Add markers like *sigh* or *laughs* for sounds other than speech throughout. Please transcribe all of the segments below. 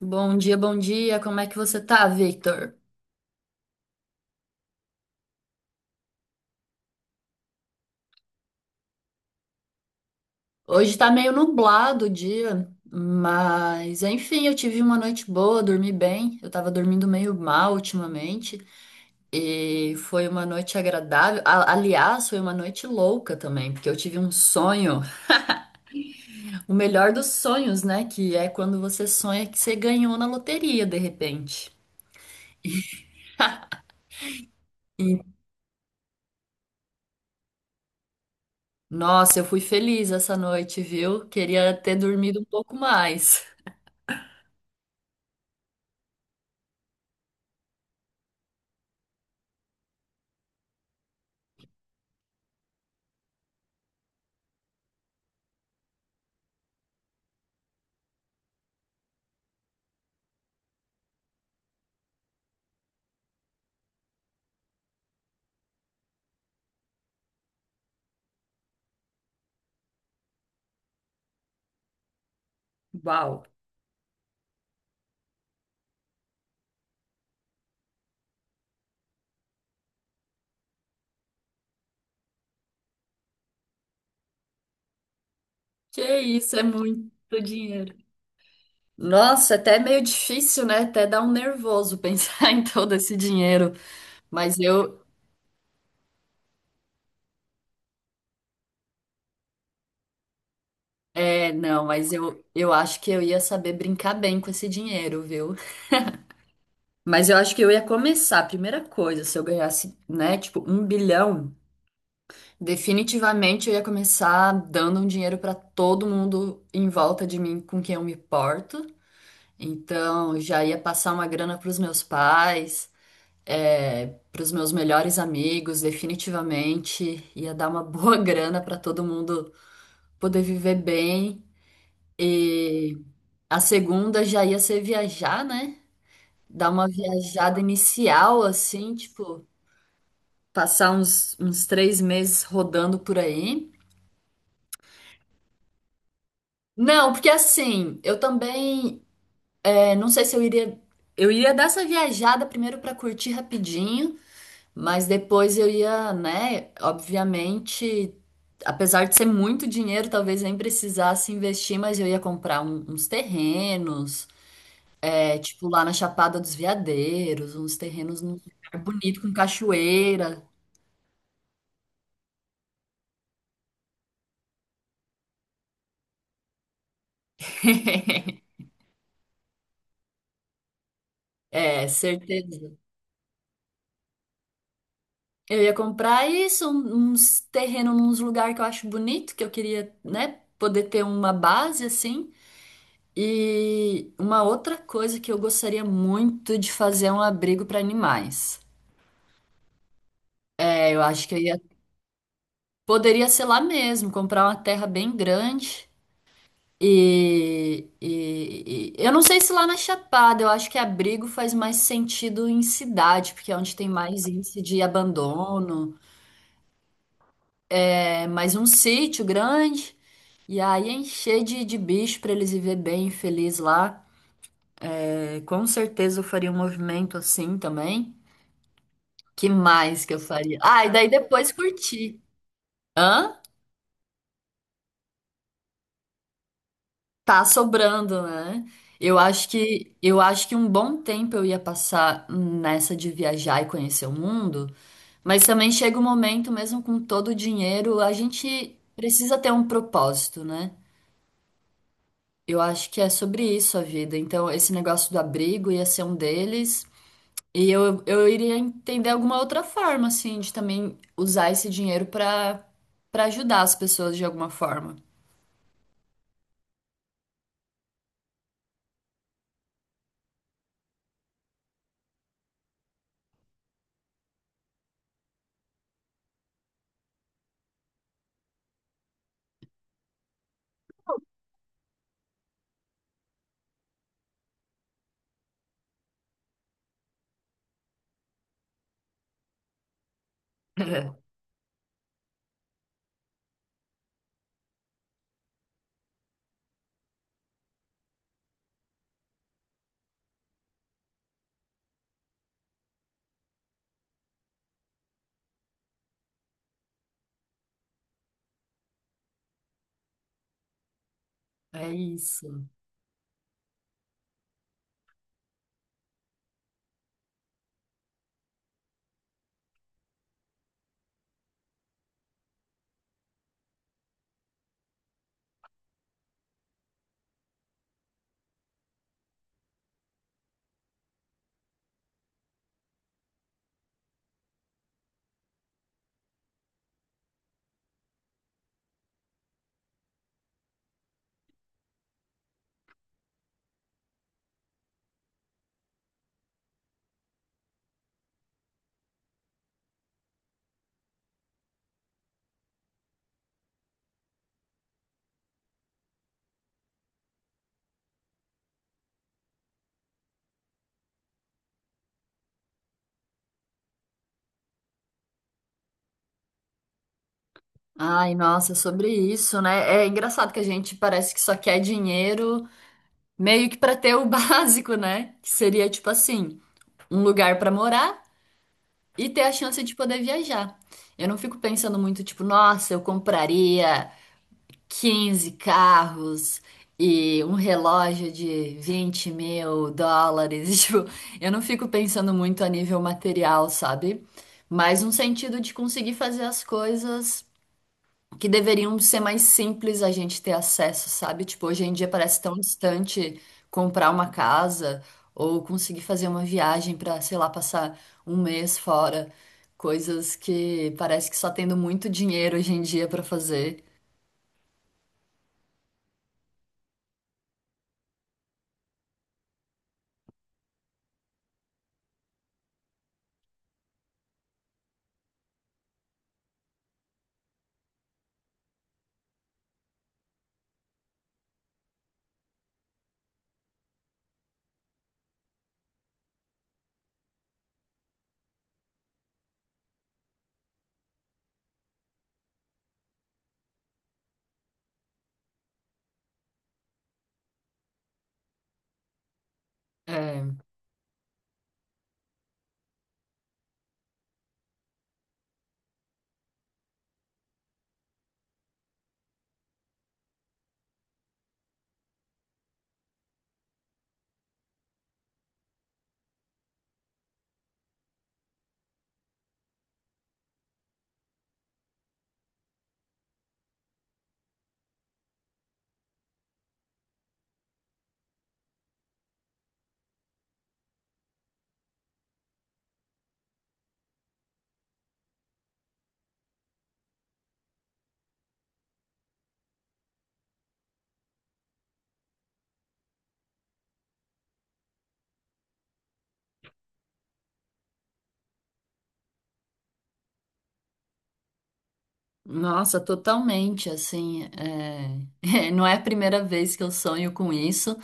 Bom dia, bom dia. Como é que você tá, Victor? Hoje tá meio nublado o dia, mas enfim, eu tive uma noite boa, dormi bem. Eu tava dormindo meio mal ultimamente e foi uma noite agradável. Aliás, foi uma noite louca também, porque eu tive um sonho, o melhor dos sonhos, né? Que é quando você sonha que você ganhou na loteria de repente. Nossa, eu fui feliz essa noite, viu? Queria ter dormido um pouco mais. Uau! Que isso, é muito dinheiro. Nossa, até é meio difícil, né? Até dá um nervoso pensar *laughs* em todo esse dinheiro. Mas eu, é, não, mas eu acho que eu ia saber brincar bem com esse dinheiro, viu? Mas eu acho que eu ia começar, a primeira coisa, se eu ganhasse, né, tipo, 1 bilhão, definitivamente eu ia começar dando um dinheiro para todo mundo em volta de mim com quem eu me porto. Então, já ia passar uma grana para os meus pais, para os meus melhores amigos, definitivamente. Ia dar uma boa *laughs* grana para todo mundo poder viver bem. E a segunda já ia ser viajar, né? Dar uma viajada inicial, assim, tipo, passar uns 3 meses rodando por aí. Não, porque assim, eu também, não sei se eu iria. Eu iria dar essa viajada primeiro para curtir rapidinho. Mas depois eu ia, né? Obviamente, apesar de ser muito dinheiro, talvez nem precisasse investir, mas eu ia comprar uns terrenos, é, tipo lá na Chapada dos Veadeiros, uns terrenos num lugar bonito com cachoeira. *laughs* É, certeza. Eu ia comprar isso, uns terrenos, uns lugares que eu acho bonito, que eu queria, né, poder ter uma base assim. E uma outra coisa que eu gostaria muito de fazer é um abrigo para animais. É, eu acho que eu ia, poderia ser lá mesmo, comprar uma terra bem grande. E, eu não sei se lá na Chapada, eu acho que abrigo faz mais sentido em cidade, porque é onde tem mais índice de abandono. É mais um sítio grande, e aí encher de bicho para eles viver bem e feliz lá. É, com certeza eu faria um movimento assim também. Que mais que eu faria? Ah, e daí depois curtir. Hã? Tá sobrando, né? Eu acho que um bom tempo eu ia passar nessa de viajar e conhecer o mundo, mas também chega um momento, mesmo com todo o dinheiro, a gente precisa ter um propósito, né? Eu acho que é sobre isso a vida. Então, esse negócio do abrigo ia ser um deles, e eu iria entender alguma outra forma, assim, de também usar esse dinheiro para ajudar as pessoas de alguma forma. *laughs* É isso. Ai, nossa, sobre isso, né? É engraçado que a gente parece que só quer dinheiro meio que pra ter o *laughs* básico, né? Que seria tipo assim, um lugar pra morar e ter a chance de poder viajar. Eu não fico pensando muito, tipo, nossa, eu compraria 15 carros e um relógio de 20 mil dólares. *laughs* Tipo, eu não fico pensando muito a nível material, sabe? Mas um sentido de conseguir fazer as coisas que deveriam ser mais simples a gente ter acesso, sabe? Tipo, hoje em dia parece tão distante comprar uma casa ou conseguir fazer uma viagem para, sei lá, passar um mês fora, coisas que parece que só tendo muito dinheiro hoje em dia para fazer. É, nossa, totalmente, assim, é, *laughs* é, não é a primeira vez que eu sonho com isso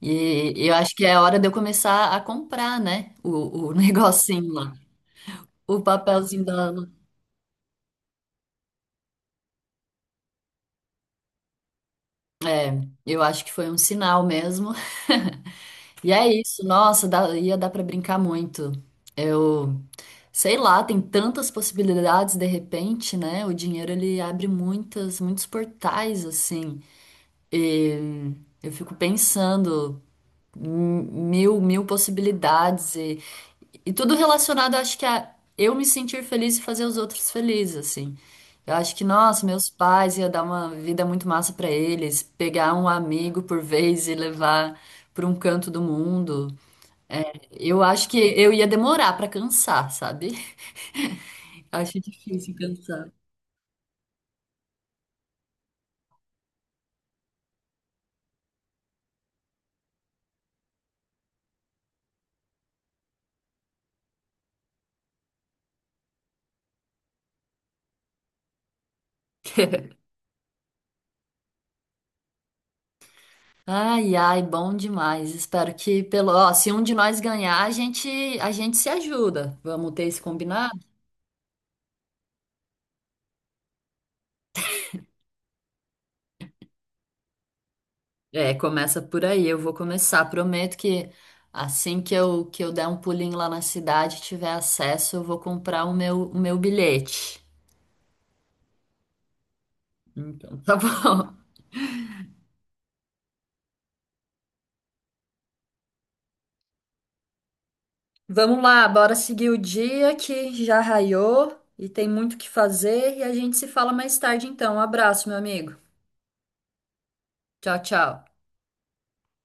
e eu acho que é hora de eu começar a comprar, né, o *laughs* negocinho lá, o papelzinho da. É. Eu acho que foi um sinal mesmo. *laughs* E é isso, nossa, dá- ia dar pra brincar muito. Eu sei lá, tem tantas possibilidades de repente, né? O dinheiro ele abre muitas, muitos portais assim. E eu fico pensando mil possibilidades e tudo relacionado, acho que a eu me sentir feliz e fazer os outros felizes, assim. Eu acho que, nossa, meus pais ia dar uma vida muito massa pra eles, pegar um amigo por vez e levar pra um canto do mundo. Eu acho que eu ia demorar pra cansar, sabe? *laughs* Acho difícil cansar. Ai, ai, bom demais. Espero que pelo, ó, se um de nós ganhar, a gente se ajuda. Vamos ter esse combinado? É, começa por aí. Eu vou começar. Prometo que assim que eu der um pulinho lá na cidade, e tiver acesso, eu vou comprar o meu bilhete. Então, tá bom. *laughs* Vamos lá, bora seguir o dia que já raiou e tem muito o que fazer e a gente se fala mais tarde então. Um abraço, meu amigo. Tchau, tchau.